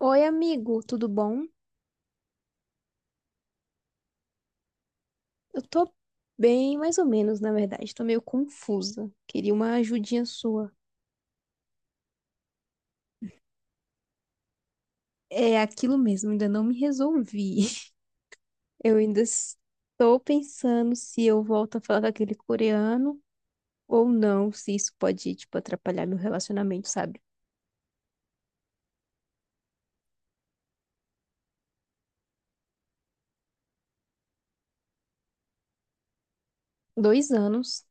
Oi, amigo, tudo bom? Eu tô bem, mais ou menos, na verdade. Tô meio confusa. Queria uma ajudinha sua. É aquilo mesmo, ainda não me resolvi. Eu ainda estou pensando se eu volto a falar com aquele coreano ou não, se isso pode, tipo, atrapalhar meu relacionamento, sabe? 2 anos.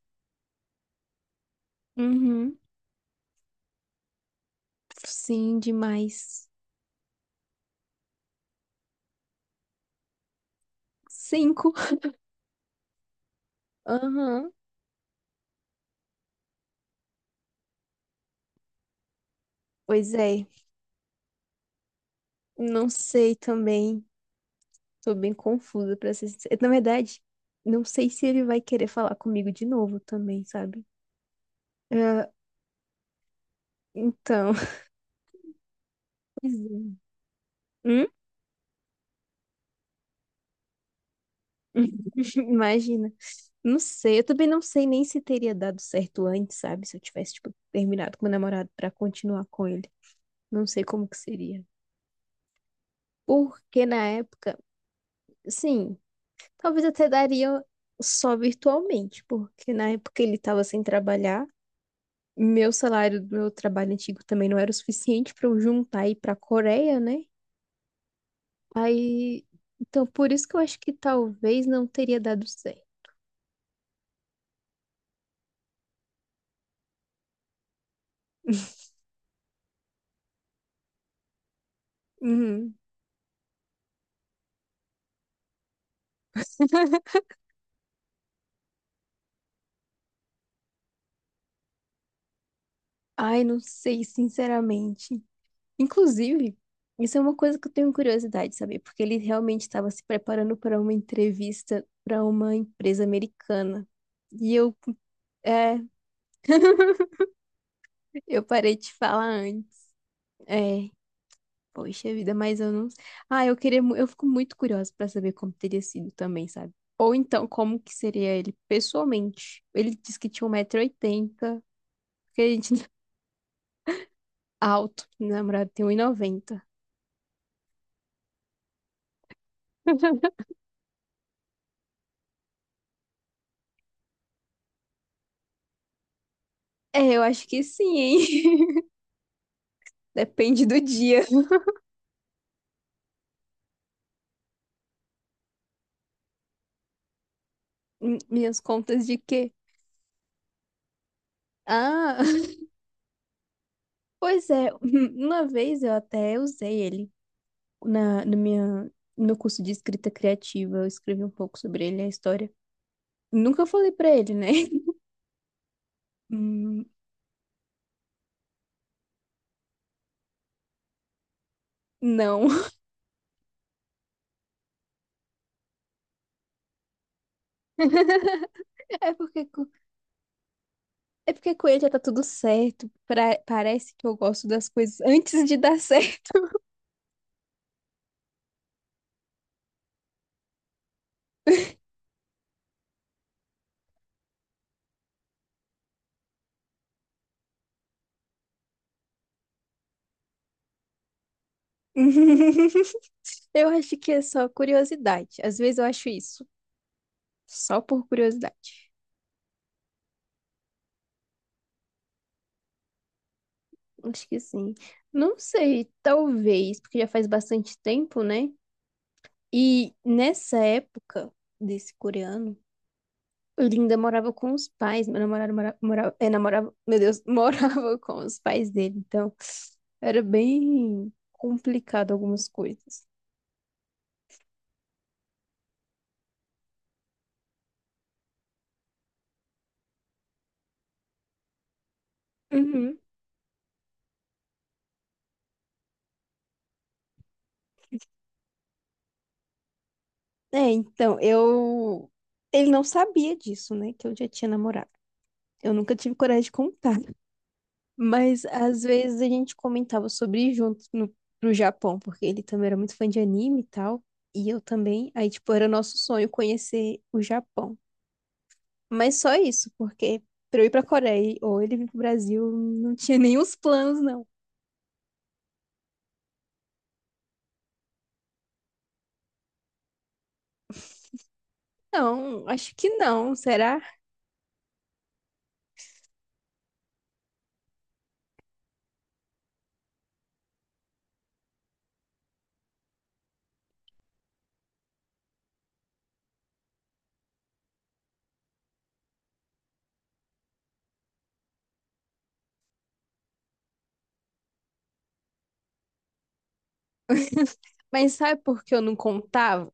Uhum. Sim, demais. Cinco. Aham. Pois é. Não sei também. Tô bem confusa pra ser sincera. Na verdade, não sei se ele vai querer falar comigo de novo também, sabe? Ah, então. Pois é. Hum? Imagina. Não sei, eu também não sei nem se teria dado certo antes, sabe? Se eu tivesse, tipo, terminado com meu namorado pra continuar com ele. Não sei como que seria. Porque na época, sim, talvez até daria só virtualmente, porque na época ele tava sem trabalhar. Meu salário do meu trabalho antigo também não era o suficiente para eu juntar e ir para a Coreia, né? Aí, então por isso que eu acho que talvez não teria dado certo. Uhum. Ai, não sei, sinceramente. Inclusive, isso é uma coisa que eu tenho curiosidade de saber, porque ele realmente estava se preparando para uma entrevista para uma empresa americana. E eu, é, eu parei de falar antes. É. Poxa vida, mas eu não. Ah, eu queria. Eu fico muito curiosa pra saber como teria sido também, sabe? Ou então, como que seria ele pessoalmente? Ele disse que tinha 1,80 m porque a gente alto, meu namorado tem um e noventa. É, eu acho que sim, hein? Depende do dia. Minhas contas de quê? Ah, pois é. Uma vez eu até usei ele na, na minha, no meu curso de escrita criativa. Eu escrevi um pouco sobre ele, a história. Nunca falei pra ele, né? Hum, Não. É porque, é porque com ele já tá tudo certo. Parece que eu gosto das coisas antes de dar certo. Eu acho que é só curiosidade. Às vezes eu acho isso. Só por curiosidade. Acho que sim. Não sei, talvez, porque já faz bastante tempo, né? E nessa época desse coreano. Linda morava com os pais, meu namorado morava, é, namorava, meu Deus, morava com os pais dele, então era bem complicado algumas coisas. Uhum. É, então eu. Ele não sabia disso, né? Que eu já tinha namorado. Eu nunca tive coragem de contar. Mas às vezes a gente comentava sobre ir juntos no, pro Japão, porque ele também era muito fã de anime e tal. E eu também. Aí, tipo, era nosso sonho conhecer o Japão. Mas só isso, porque pra eu ir pra Coreia ou ele vir pro Brasil, não tinha nem os planos, não. Não, acho que não, será? Mas sabe por que eu não contava?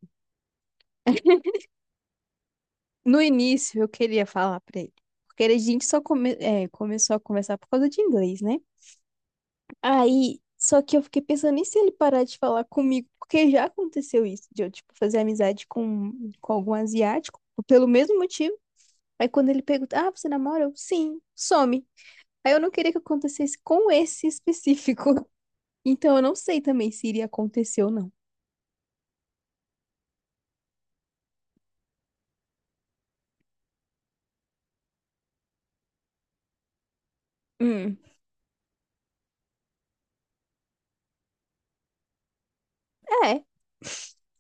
No início eu queria falar pra ele. Porque a gente só começou a conversar por causa de inglês, né? Aí, só que eu fiquei pensando, e se ele parar de falar comigo? Porque já aconteceu isso, de eu, tipo, fazer amizade com algum asiático, pelo mesmo motivo. Aí quando ele pergunta, ah, você namora? Eu, sim, some. Aí eu não queria que acontecesse com esse específico. Então eu não sei também se iria acontecer ou não. Hum. É,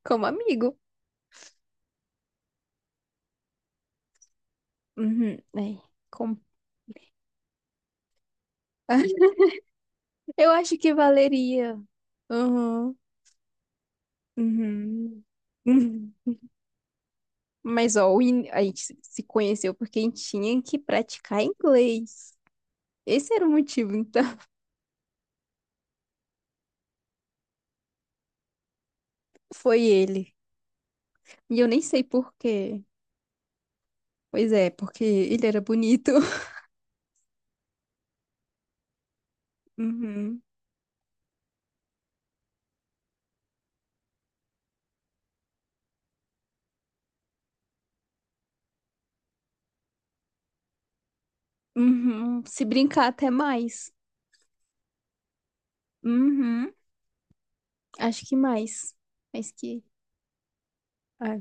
como amigo. Uhum. É, como... Eu acho que valeria. Uhum. Uhum. Uhum. Mas, ó, a gente se conheceu porque a gente tinha que praticar inglês. Esse era o motivo, então. Foi ele. E eu nem sei por quê. Pois é, porque ele era bonito. Uhum. Uhum. Se brincar até mais. Uhum. Acho que mais. Mais que. Ah.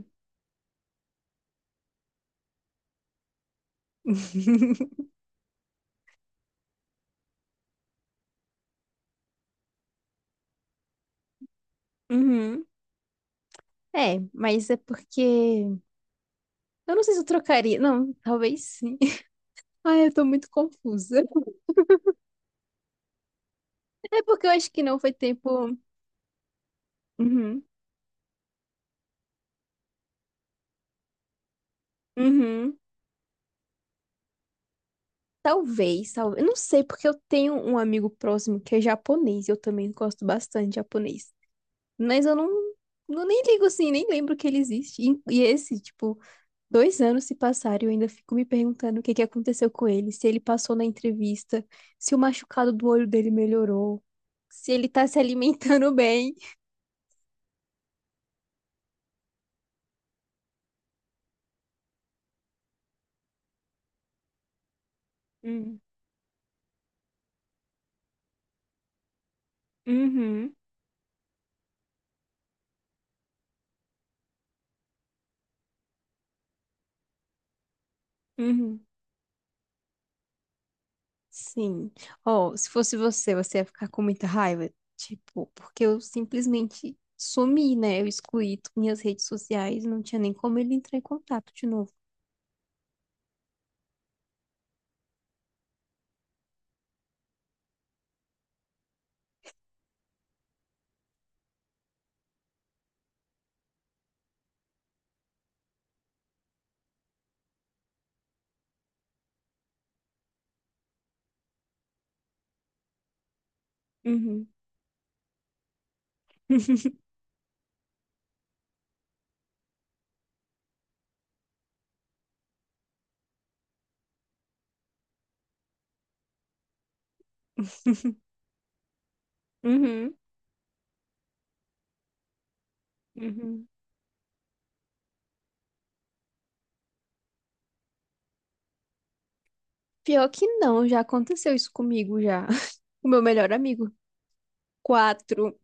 Uhum. É, mas é porque. Eu não sei se eu trocaria. Não, talvez sim. Ai, eu tô muito confusa. É porque eu acho que não foi tempo. Uhum. Uhum. Talvez, talvez. Eu não sei, porque eu tenho um amigo próximo que é japonês. Eu também gosto bastante de japonês. Mas eu não. Não nem ligo assim, nem lembro que ele existe. E esse, tipo, dois anos se passaram e eu ainda fico me perguntando o que que aconteceu com ele, se ele passou na entrevista, se o machucado do olho dele melhorou, se ele tá se alimentando bem. Hum. Uhum, uhum. Sim. Ó, se fosse você, você ia ficar com muita raiva. Tipo, porque eu simplesmente sumi, né? Eu excluí minhas redes sociais, não tinha nem como ele entrar em contato de novo. Uhum. Uhum. Uhum. Pior que não, já aconteceu isso comigo já. O meu melhor amigo Quatro.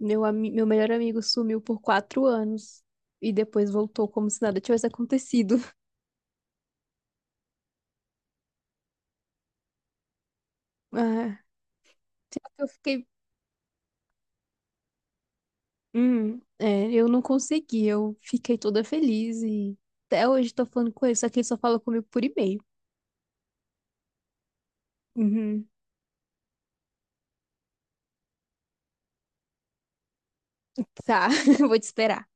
Meu melhor amigo sumiu por 4 anos e depois voltou como se nada tivesse acontecido. Ah, só que eu fiquei. Eu não consegui. Eu fiquei toda feliz e até hoje tô falando com ele, só que ele só fala comigo por e-mail. Uhum. Tá, vou te esperar.